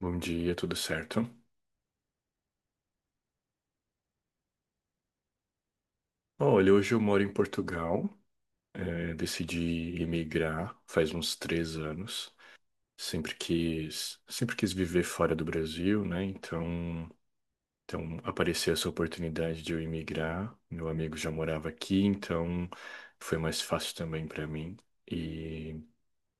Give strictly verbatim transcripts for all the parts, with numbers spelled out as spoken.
Bom dia, tudo certo? Olha, hoje eu moro em Portugal, eh, decidi emigrar faz uns três anos. Sempre quis, sempre quis viver fora do Brasil, né? Então, então apareceu essa oportunidade de eu emigrar. Meu amigo já morava aqui, então foi mais fácil também para mim. E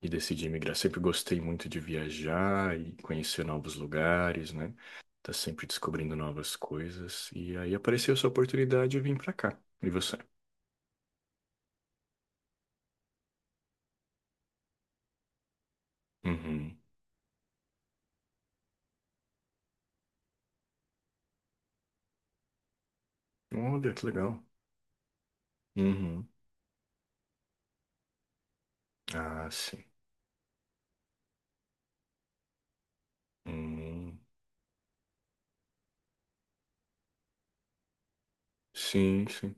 e decidi migrar. Sempre gostei muito de viajar e conhecer novos lugares, né? Tá sempre descobrindo novas coisas. E aí apareceu essa oportunidade e vim pra cá. E você? Uhum. Olha, que legal. Uhum. Ah, sim. Uhum. Sim, sim.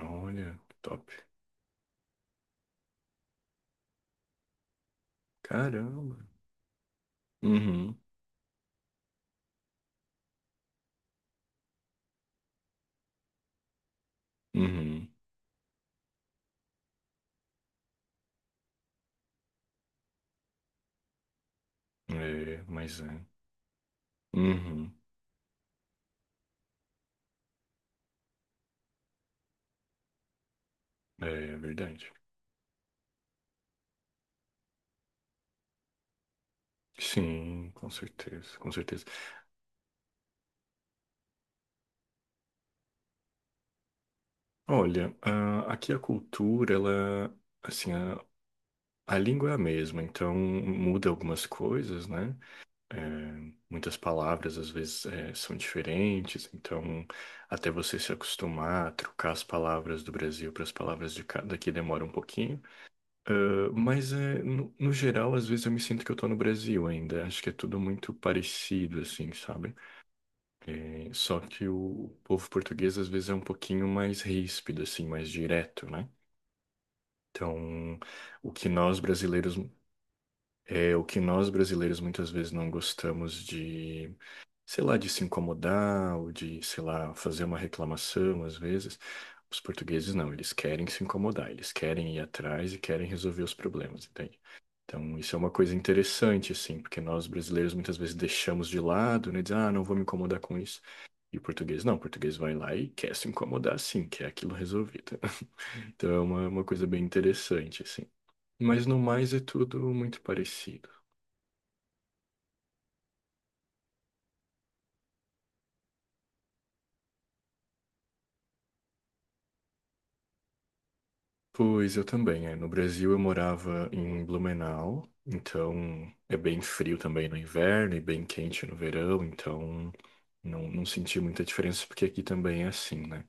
Olha, top. Caramba. Uhum. Uhum. É, mas é. Uhum. É, é verdade. Sim, com certeza, com certeza. Olha, ah, aqui a cultura, ela, assim, a- A língua é a mesma, então muda algumas coisas, né? Eh, muitas palavras às vezes eh, são diferentes, então até você se acostumar a trocar as palavras do Brasil para as palavras de cá, daqui demora um pouquinho. Ah, mas eh, no, no geral, às vezes eu me sinto que eu tô no Brasil ainda. Acho que é tudo muito parecido, assim, sabe? Eh, só que o povo português às vezes é um pouquinho mais ríspido, assim, mais direto, né? Então, o que nós brasileiros É o que nós brasileiros muitas vezes não gostamos de, sei lá, de se incomodar ou de, sei lá, fazer uma reclamação às vezes. Os portugueses não, eles querem se incomodar, eles querem ir atrás e querem resolver os problemas, entende? Então, isso é uma coisa interessante, assim, porque nós brasileiros muitas vezes deixamos de lado, né? Diz, ah, não vou me incomodar com isso. E o português não, o português vai lá e quer se incomodar, sim, quer aquilo resolvido. Então, é uma, uma coisa bem interessante, assim. Mas no mais é tudo muito parecido. Pois eu também, é. No Brasil eu morava em Blumenau, então é bem frio também no inverno e bem quente no verão, então não, não senti muita diferença porque aqui também é assim, né?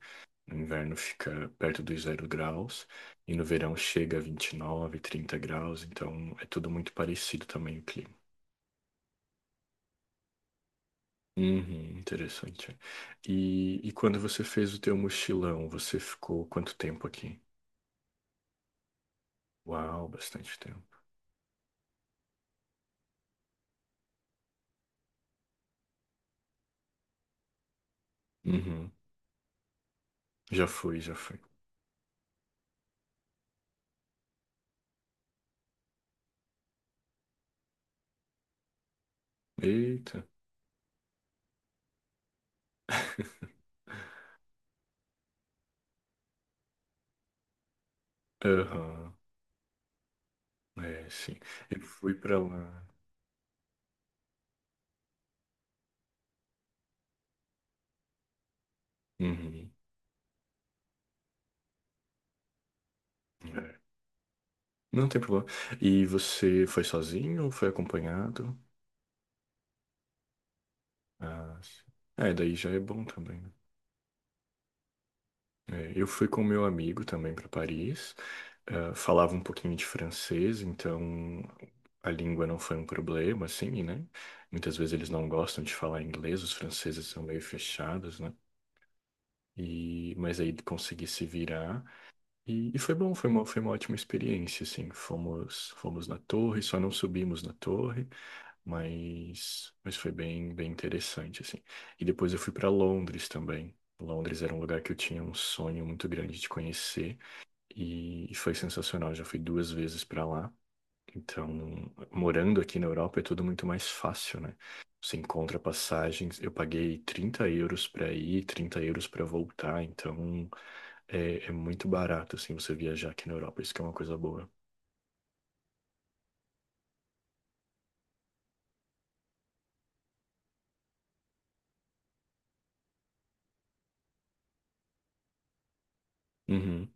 No inverno fica perto dos zero graus e no verão chega a vinte e nove, trinta graus, então é tudo muito parecido também o clima. Uhum, interessante. É. E, e quando você fez o teu mochilão, você ficou quanto tempo aqui? Uau, bastante tempo. Uhum, já fui, já fui. Eita. Aham. É, sim. Eu fui pra lá. Uhum. É. Não tem problema. E você foi sozinho ou foi acompanhado? Ah, sim. É, daí já é bom também, né? É, eu fui com meu amigo também para Paris. Ah, falava um pouquinho de francês, então a língua não foi um problema, assim, né? Muitas vezes eles não gostam de falar inglês, os franceses são meio fechados, né? E, mas aí consegui se virar. E, e foi bom, foi uma, foi uma ótima experiência, assim. Fomos, fomos na torre, só não subimos na torre, mas, mas foi bem, bem interessante, assim. E depois eu fui para Londres também. Londres era um lugar que eu tinha um sonho muito grande de conhecer e, e foi sensacional. Já fui duas vezes para lá. Então, morando aqui na Europa é tudo muito mais fácil, né? Você encontra passagens. Eu paguei trinta euros para ir, trinta euros para voltar. Então, é, é muito barato, assim, você viajar aqui na Europa. Isso que é uma coisa boa. Uhum,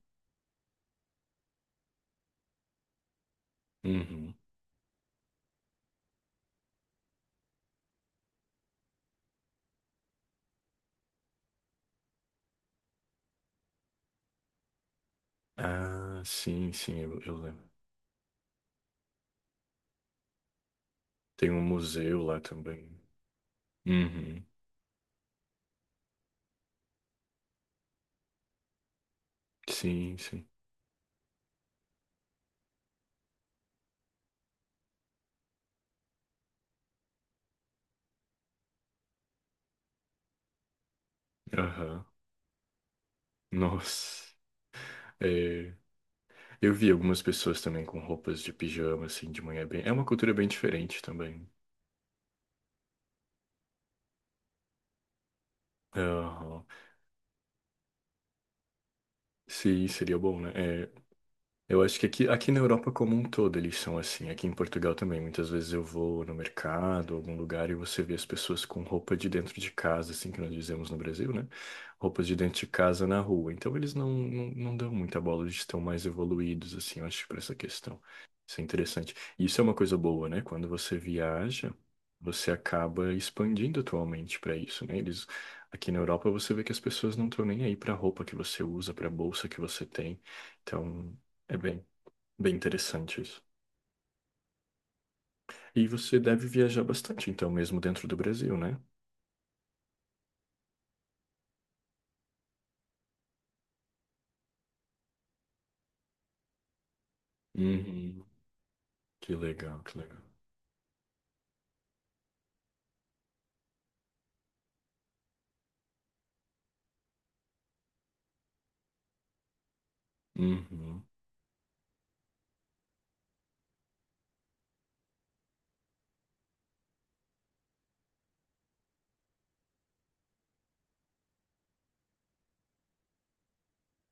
uhum. Ah, sim, sim, eu, eu lembro. Tem um museu lá também. Uhum. Sim, sim. Aham. Nossa. É, eu vi algumas pessoas também com roupas de pijama, assim, de manhã. É bem, é uma cultura bem diferente também. Aham. Sim, seria bom, né? É, eu acho que aqui, aqui na Europa como um todo eles são assim. Aqui em Portugal também. Muitas vezes eu vou no mercado, algum lugar, e você vê as pessoas com roupa de dentro de casa, assim que nós dizemos no Brasil, né? Roupas de dentro de casa na rua. Então eles não, não, não dão muita bola, eles estão mais evoluídos, assim, eu acho, para essa questão. Isso é interessante. E isso é uma coisa boa, né? Quando você viaja, você acaba expandindo atualmente para isso, né? Eles, aqui na Europa você vê que as pessoas não estão nem aí para a roupa que você usa, para a bolsa que você tem. Então, é bem, bem interessante isso. E você deve viajar bastante, então, mesmo dentro do Brasil, né? Uhum. Que legal, que legal. Uhum.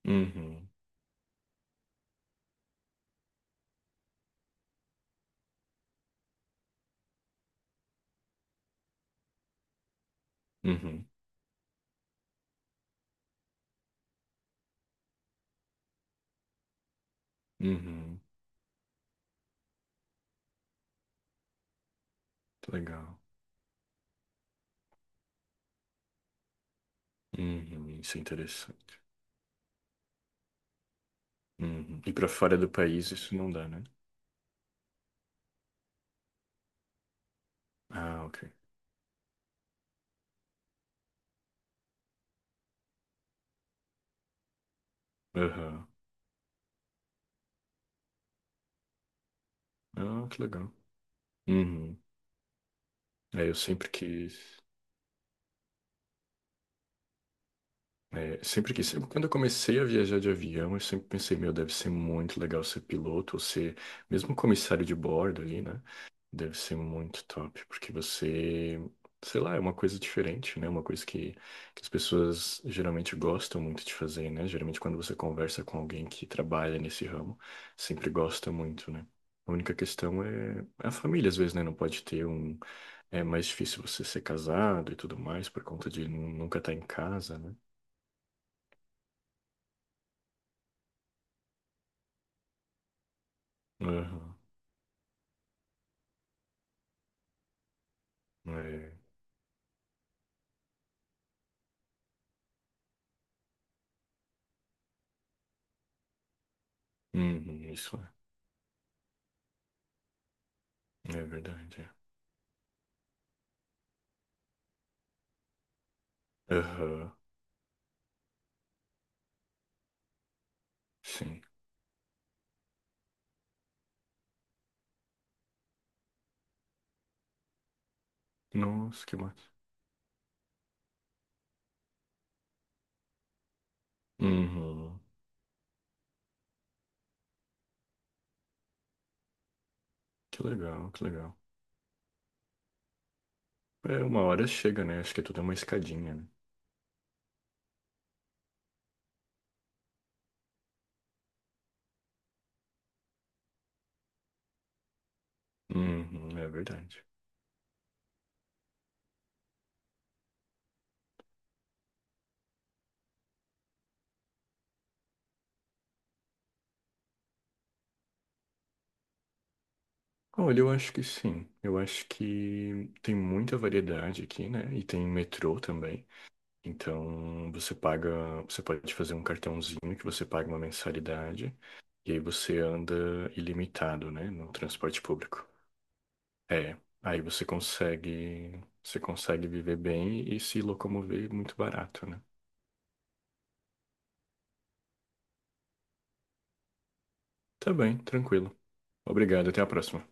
Uhum. Uhum. Uhum. Que legal. Uhum. Isso é interessante. Uhum. E para fora do país isso não dá, né? Ah, ok. Aham. Ah, que legal. Uhum. É, eu sempre quis. É, sempre que, sempre- quando eu comecei a viajar de avião, eu sempre pensei, meu, deve ser muito legal ser piloto ou ser mesmo comissário de bordo ali, né? Deve ser muito top, porque você, sei lá, é uma coisa diferente, né? Uma coisa que, que as pessoas geralmente gostam muito de fazer, né? Geralmente quando você conversa com alguém que trabalha nesse ramo, sempre gosta muito, né? A única questão é é a família, às vezes, né? Não pode ter um. É mais difícil você ser casado e tudo mais por conta de nu- nunca estar em casa, né? Aham, é. Uhum, isso é. É verdade. É. Aham, sim. Nossa, que massa. Uhum, que legal, que legal. É, uma hora chega, né? Acho que é tudo é uma escadinha, né? Uhum, é verdade. Olha, eu acho que sim. Eu acho que tem muita variedade aqui, né? E tem metrô também. Então, você paga, você pode fazer um cartãozinho que você paga uma mensalidade e aí você anda ilimitado, né? No transporte público. É, aí você consegue, você consegue viver bem e se locomover muito barato, né? Tá bem, tranquilo. Obrigado, até a próxima.